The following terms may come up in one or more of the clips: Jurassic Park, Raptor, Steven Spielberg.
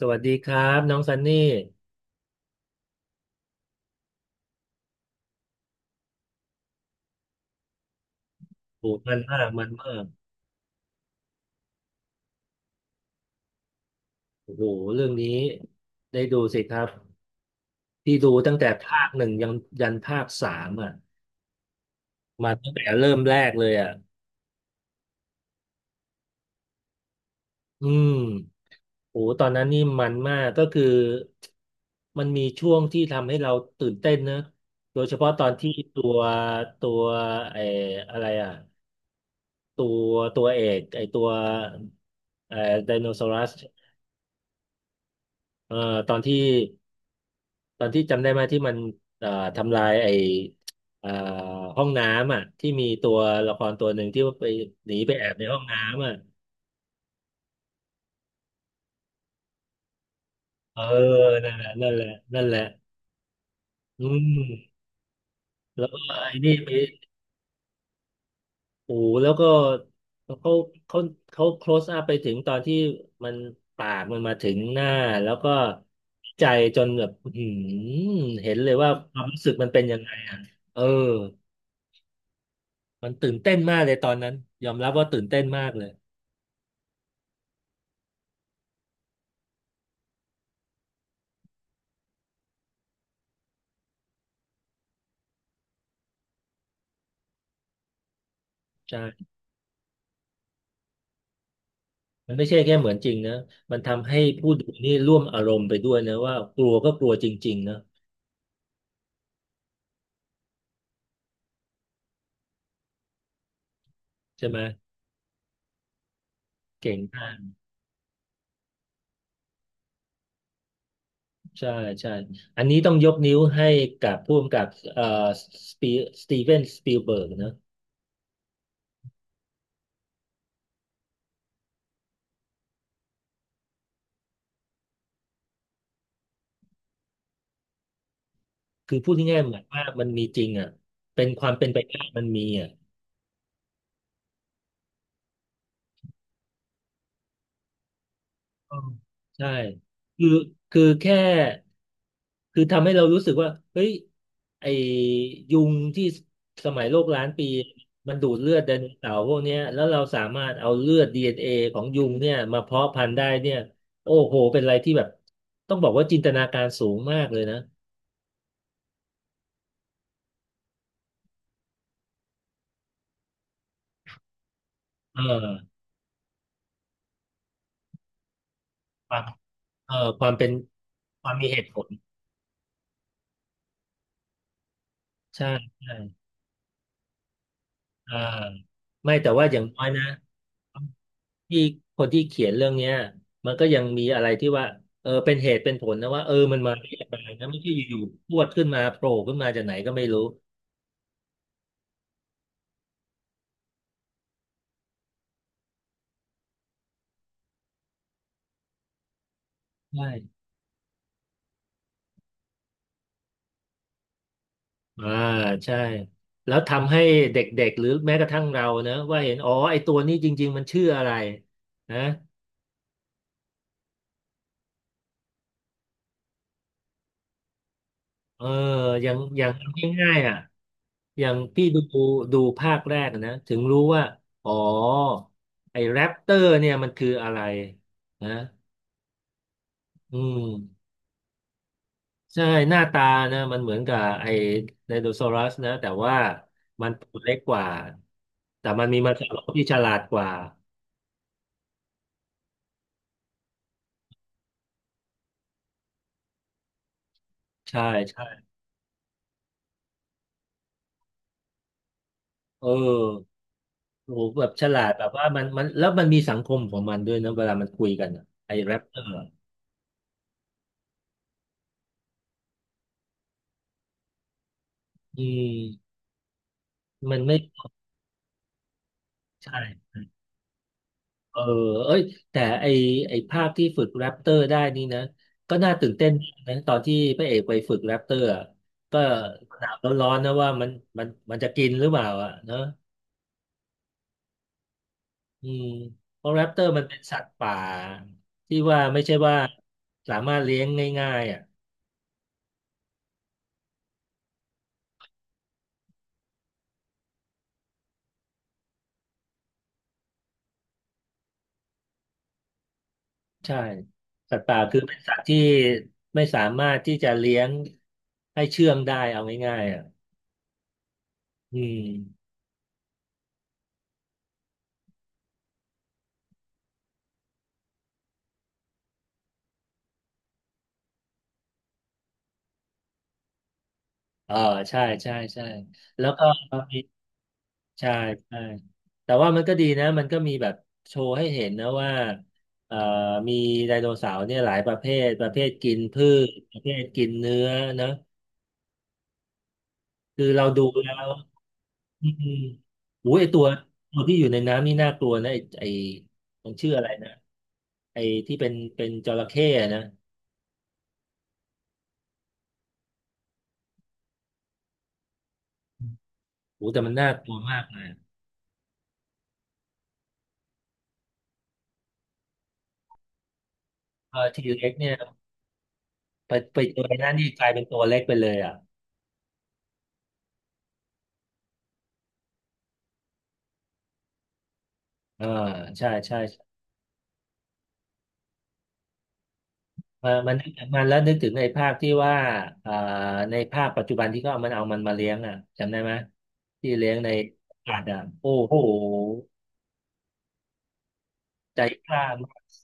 สวัสดีครับน้องซันนี่โหมันมากมันมากโอ้โหเรื่องนี้ได้ดูสิครับที่ดูตั้งแต่ภาคหนึ่งยันภาคสามอ่ะมาตั้งแต่เริ่มแรกเลยอ่ะอืมโหตอนนั้นนี่มันมากก็คือมันมีช่วงที่ทำให้เราตื่นเต้นนะโดยเฉพาะตอนที่ตัวตัวไอ้อะไรอ่ะตัวตัวเอกไอ้ตัวไอ้ไดโนเสาร์เอ่อตอนที่ ตอนที่จำได้ไหมที่มันเอ่อทำลายไอ้เอ่อห้องน้ำอ่ะที่มีตัวละครตัวหนึ่งที่ว่าไปหนีไปแอบในห้องน้ำอ่ะเออนั่นแหละนั่นแหละนั่นแหละอืมแล้วก็ไอ้นี่ไปโอ้โหแล้วก็เขาเขาเขา close up ไปถึงตอนที่มันปากมันมาถึงหน้าแล้วก็ใจจนแบบอื้อหือเห็นเลยว่าความรู้สึกมันเป็นยังไงอ่ะเออมันตื่นเต้นมากเลยตอนนั้นยอมรับว่าตื่นเต้นมากเลยใช่ มันไม่ใช่แค่เหมือนจริงนะมันทำให้ผู้ดูนี่ร่วมอารมณ์ไปด้วยนะว่ากลัวก็กลัวจริงๆนะใช่ไหมเก่งมากใช่ใช่อันนี้ต้องยกนิ้วให้กับผู้กำกับเอ่อสปีสตีเวนสปีลเบิร์กนะคือพูดง่ายๆเหมือนว่ามันมีจริงอ่ะเป็นความเป็นไปได้มันมีอ่ะ อ๋อใช่คือคือแค่คือทำให้เรารู้สึกว่าเฮ้ยไอ้ยุงที่สมัยโลกล้านปีมันดูดเลือดไดโนเสาร์พวกเนี้ยแล้วเราสามารถเอาเลือด DNA ของยุงเนี่ยมาเพาะพันธุ์ได้เนี่ยโอ้โหเป็นอะไรที่แบบต้องบอกว่าจินตนาการสูงมากเลยนะเออความความเป็นความมีเหตุผลใช่ใช่อ่าไม่แต่ว่าอย่างน้อยนะ ที่คนที่เขียนเรื่องเนี้ยมันก็ยังมีอะไรที่ว่าเออเป็นเหตุเป็นผลนะว่าเออมันมาได้ยังไงนะไม่ใช่อยู่ๆพรวดขึ้นมาโผล่ขึ้นมาจากไหนก็ไม่รู้ใช่อ่าใช่แล้วทำให้เด็กๆหรือแม้กระทั่งเรานะว่าเห็นอ๋อไอตัวนี้จริงๆมันชื่ออะไรนะเอออย่างอย่างง่ายๆอ่ะอย่างพี่ดูภาคแรกอะนะถึงรู้ว่าอ๋อไอแรปเตอร์เนี่ยมันคืออะไรนะอืม ใช่หน้าตานะมันเหมือนกับไอ้ไดโนเสาร์นะแต่ว่ามันตัวเล็กกว่าแต่มันมีมังสวิรัติที่ฉลาดกว่าใช่ใช่เออโอ้โหแบบฉลาดแบบว่ามันแล้วมันมีสังคมของมันด้วยนะเวลามันคุยกันอะไอ้แรปเตอร์อะอืมมันไม่ใช่เออเอ้ยแต่ไอภาคที่ฝึกแรปเตอร์ได้นี่นะก็น่าตื่นเต้นนะตอนที่พระเอกไปฝึกแรปเตอร์อะก็หนาวร้อนๆนะว่ามันจะกินหรือเปล่าอ่ะเนอะ อืมเพราะแรปเตอร์มันเป็นสัตว์ป่าที่ว่าไม่ใช่ว่าสามารถเลี้ยงง่ายๆอ่ะใช่สัตว์ป่าคือเป็นสัตว์ที่ไม่สามารถที่จะเลี้ยงให้เชื่องได้เอาง่ายๆอ่ะอืมเออใช่ใช่ใช่แล้วก็มีใช่ใช่แต่ว่ามันก็ดีนะมันก็มีแบบโชว์ให้เห็นนะว่าเอ่อมีไดโนเสาร์เนี่ยหลายประเภทประเภทกินพืชประเภทกินเนื้อนะคือเราดูแล้ว อืมโอ้ยไอตัวที่อยู่ในน้ำนี่น่ากลัวนะไอไอมันชื่ออะไรนะไอที่เป็นจระเข้อะนะโอ้แต่มันน่ากลัวมากเลยเออทีเล็กเนี่ยไปเจอในนั่นนี่กลายเป็นตัวเล็กไปเลยอ่ะเออใช่ใช่มามันนึกถึงมันแล้วนึกถึงในภาคที่ว่าอ่าในภาคปัจจุบันที่เขาเอามันมาเลี้ยงอ่ะจำได้ไหมที่เลี้ยงในอากาศอ่ะโอ้โหใจกล้ามาก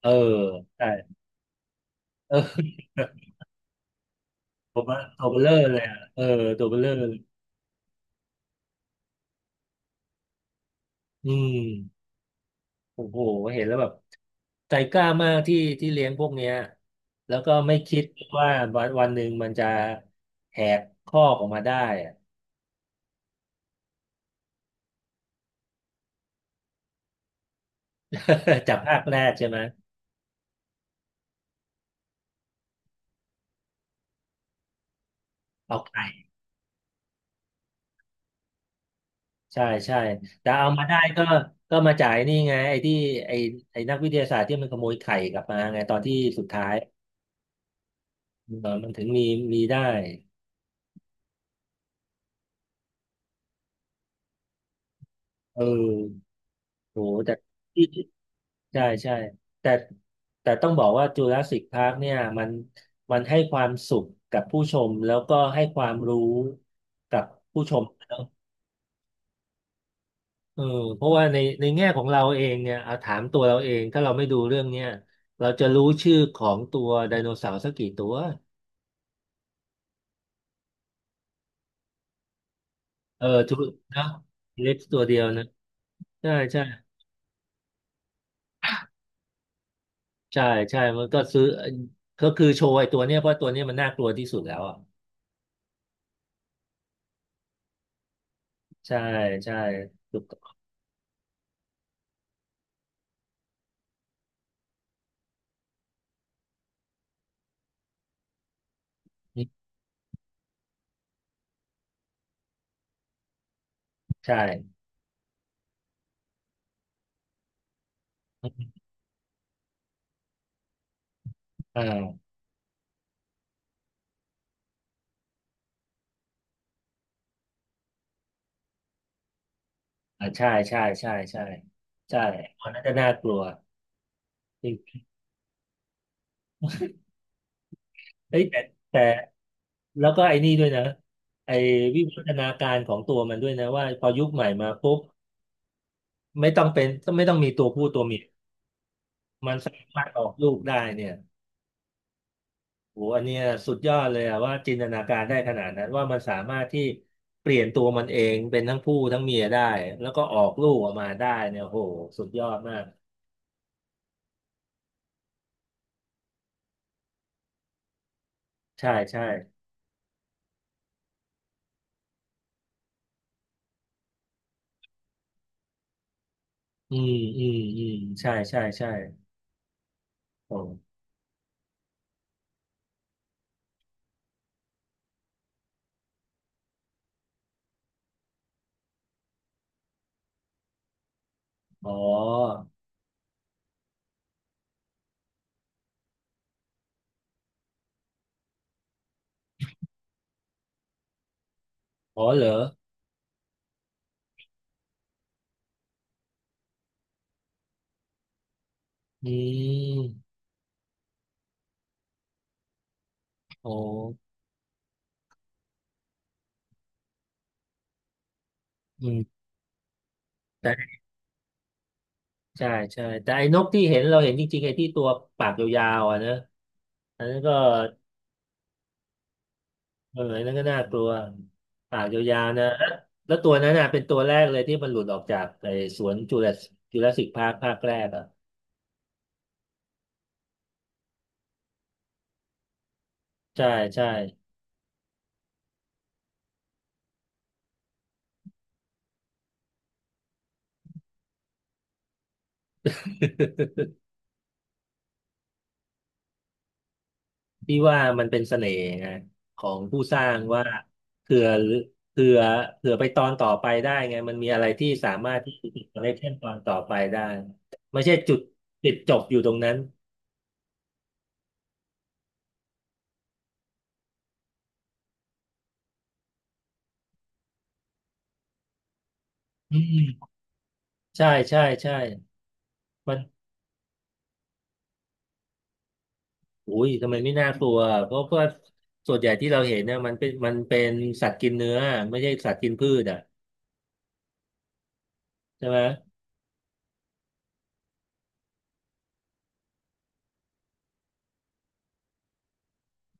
เออใช่เออ ตัวเบลเลอร์เลยอ่ะเออตัวเบลเลอร์เลยอืมโอ้โหเห็นแล้วแบบใจกล้ามากที่เลี้ยงพวกเนี้ยแล้วก็ไม่คิดว่าวันหนึ่งมันจะแหกข้อกออกมาได้อะ จากภาคแรกใช่ไหมเอาไข่ใช่ใช่แต่เอามาได้ก็ก็มาจ่ายนี่ไงไอ้ที่ไอ้ไอ้นักวิทยาศาสตร์ที่มันขโมยไข่กลับมาไงตอนที่สุดท้ายเออมันถึงมีมีได้เออโหแต่ ใช่แต่ต้องบอกว่าจูราสสิคพาร์คเนี่ยมันให้ความสุขกับผู้ชมแล้วก็ให้ความรู้กับผู้ชมแล้วเออเพราะว่าในแง่ของเราเองเนี่ยเอาถามตัวเราเองถ้าเราไม่ดูเรื่องเนี้ยเราจะรู้ชื่อของตัวไดโนเสาร์สักกี่ตัวเออทุกนะเล็กตัวเดียวนะใช่ใช่ใช่ใช่มันก็ซื้อก็คือโชว์ไอ้ตัวเนี้ยเพราะตัวเนี้ยมันน่ากลัวที่สุดแล้วอ่ะใช่ใช่ถูกต้องใช่อ่า อ่าใช่ใช่ใช่ใช่ใช่อันนั้นจะน่ากลัวจริงเฮ้ยแต่แต่แล้วก็ไอ้นี่ด้วยนะไอ้วิวัฒนาการของตัวมันด้วยนะว่าพอยุคใหม่มาปุ๊บไม่ต้องเป็นไม่ต้องมีตัวผู้ตัวเมียมันสามารถออกลูกได้เนี่ยโหอันเนี้ยสุดยอดเลยอะว่าจินตนาการได้ขนาดนั้นว่ามันสามารถที่เปลี่ยนตัวมันเองเป็นทั้งผู้ทั้งเมียได้แล้วก็ออกลูกออกมาได้เนี่ยโหสุดยอดมากใช่ใช่อืมอืมอืมใช่ใช่ใช่โอ้ อ๋ออ๋อเหรออืมโอ้อืมแต่ใช่ ใช่ แต่ไอ้นกที่เห็นเราเห็นจริงๆไอ้ที่ตัวปากยาวๆอ่ะนะอันนั้นก็เอออันนั้นก็น่ากลัว ปากยาวๆนะแล้วแล้วตัวนั้นน่ะเป็นตัวแรกเลยที่มันหลุดออกจากไอ้สวนจูราสจูราสสิกพาร์คภาคแรกอ่ะ ใช่ ใช่ พี่ว่ามันเป็นเสน่ห์ไงของผู้สร้างว่าเผื่อเผื่อเผื่อไปตอนต่อไปได้ไงมันมีอะไรที่สามารถที่จะติดคอลเลกชันตอนต่อไปได้ไม่ใช่จุดติดจบอยู่ตรงนั้นอืมใช่ใช่ใช่มันอุ้ยทำไมไม่น่ากลัวเพราะว่าส่วนใหญ่ที่เราเห็นเนี่ยมันเป็นสัตว์กินเนื้อไม่ใช่สัตว์กินพืชอ่ะใช่ไหม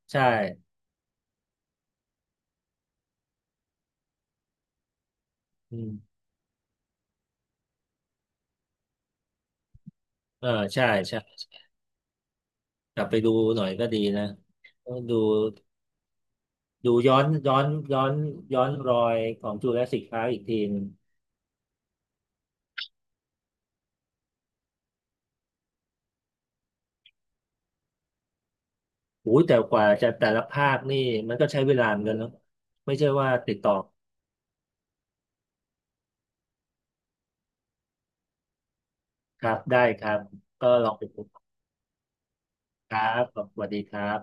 ใช่อืมเออใช่ใช่กลับไปดูหน่อยก็ดีนะดู ดูย้อนย้อนย้อนรอยของจูราสสิคพาร์คอีกทีหนึงโอ้ยแต่กว่าจะแต่ละภาคนี่มันก็ใช้เวลาเหมือนกันเนาะไม่ใช่ว่าติดต่อครับได้ครับก็ลองไปดูครับขอบสวัสดีครับ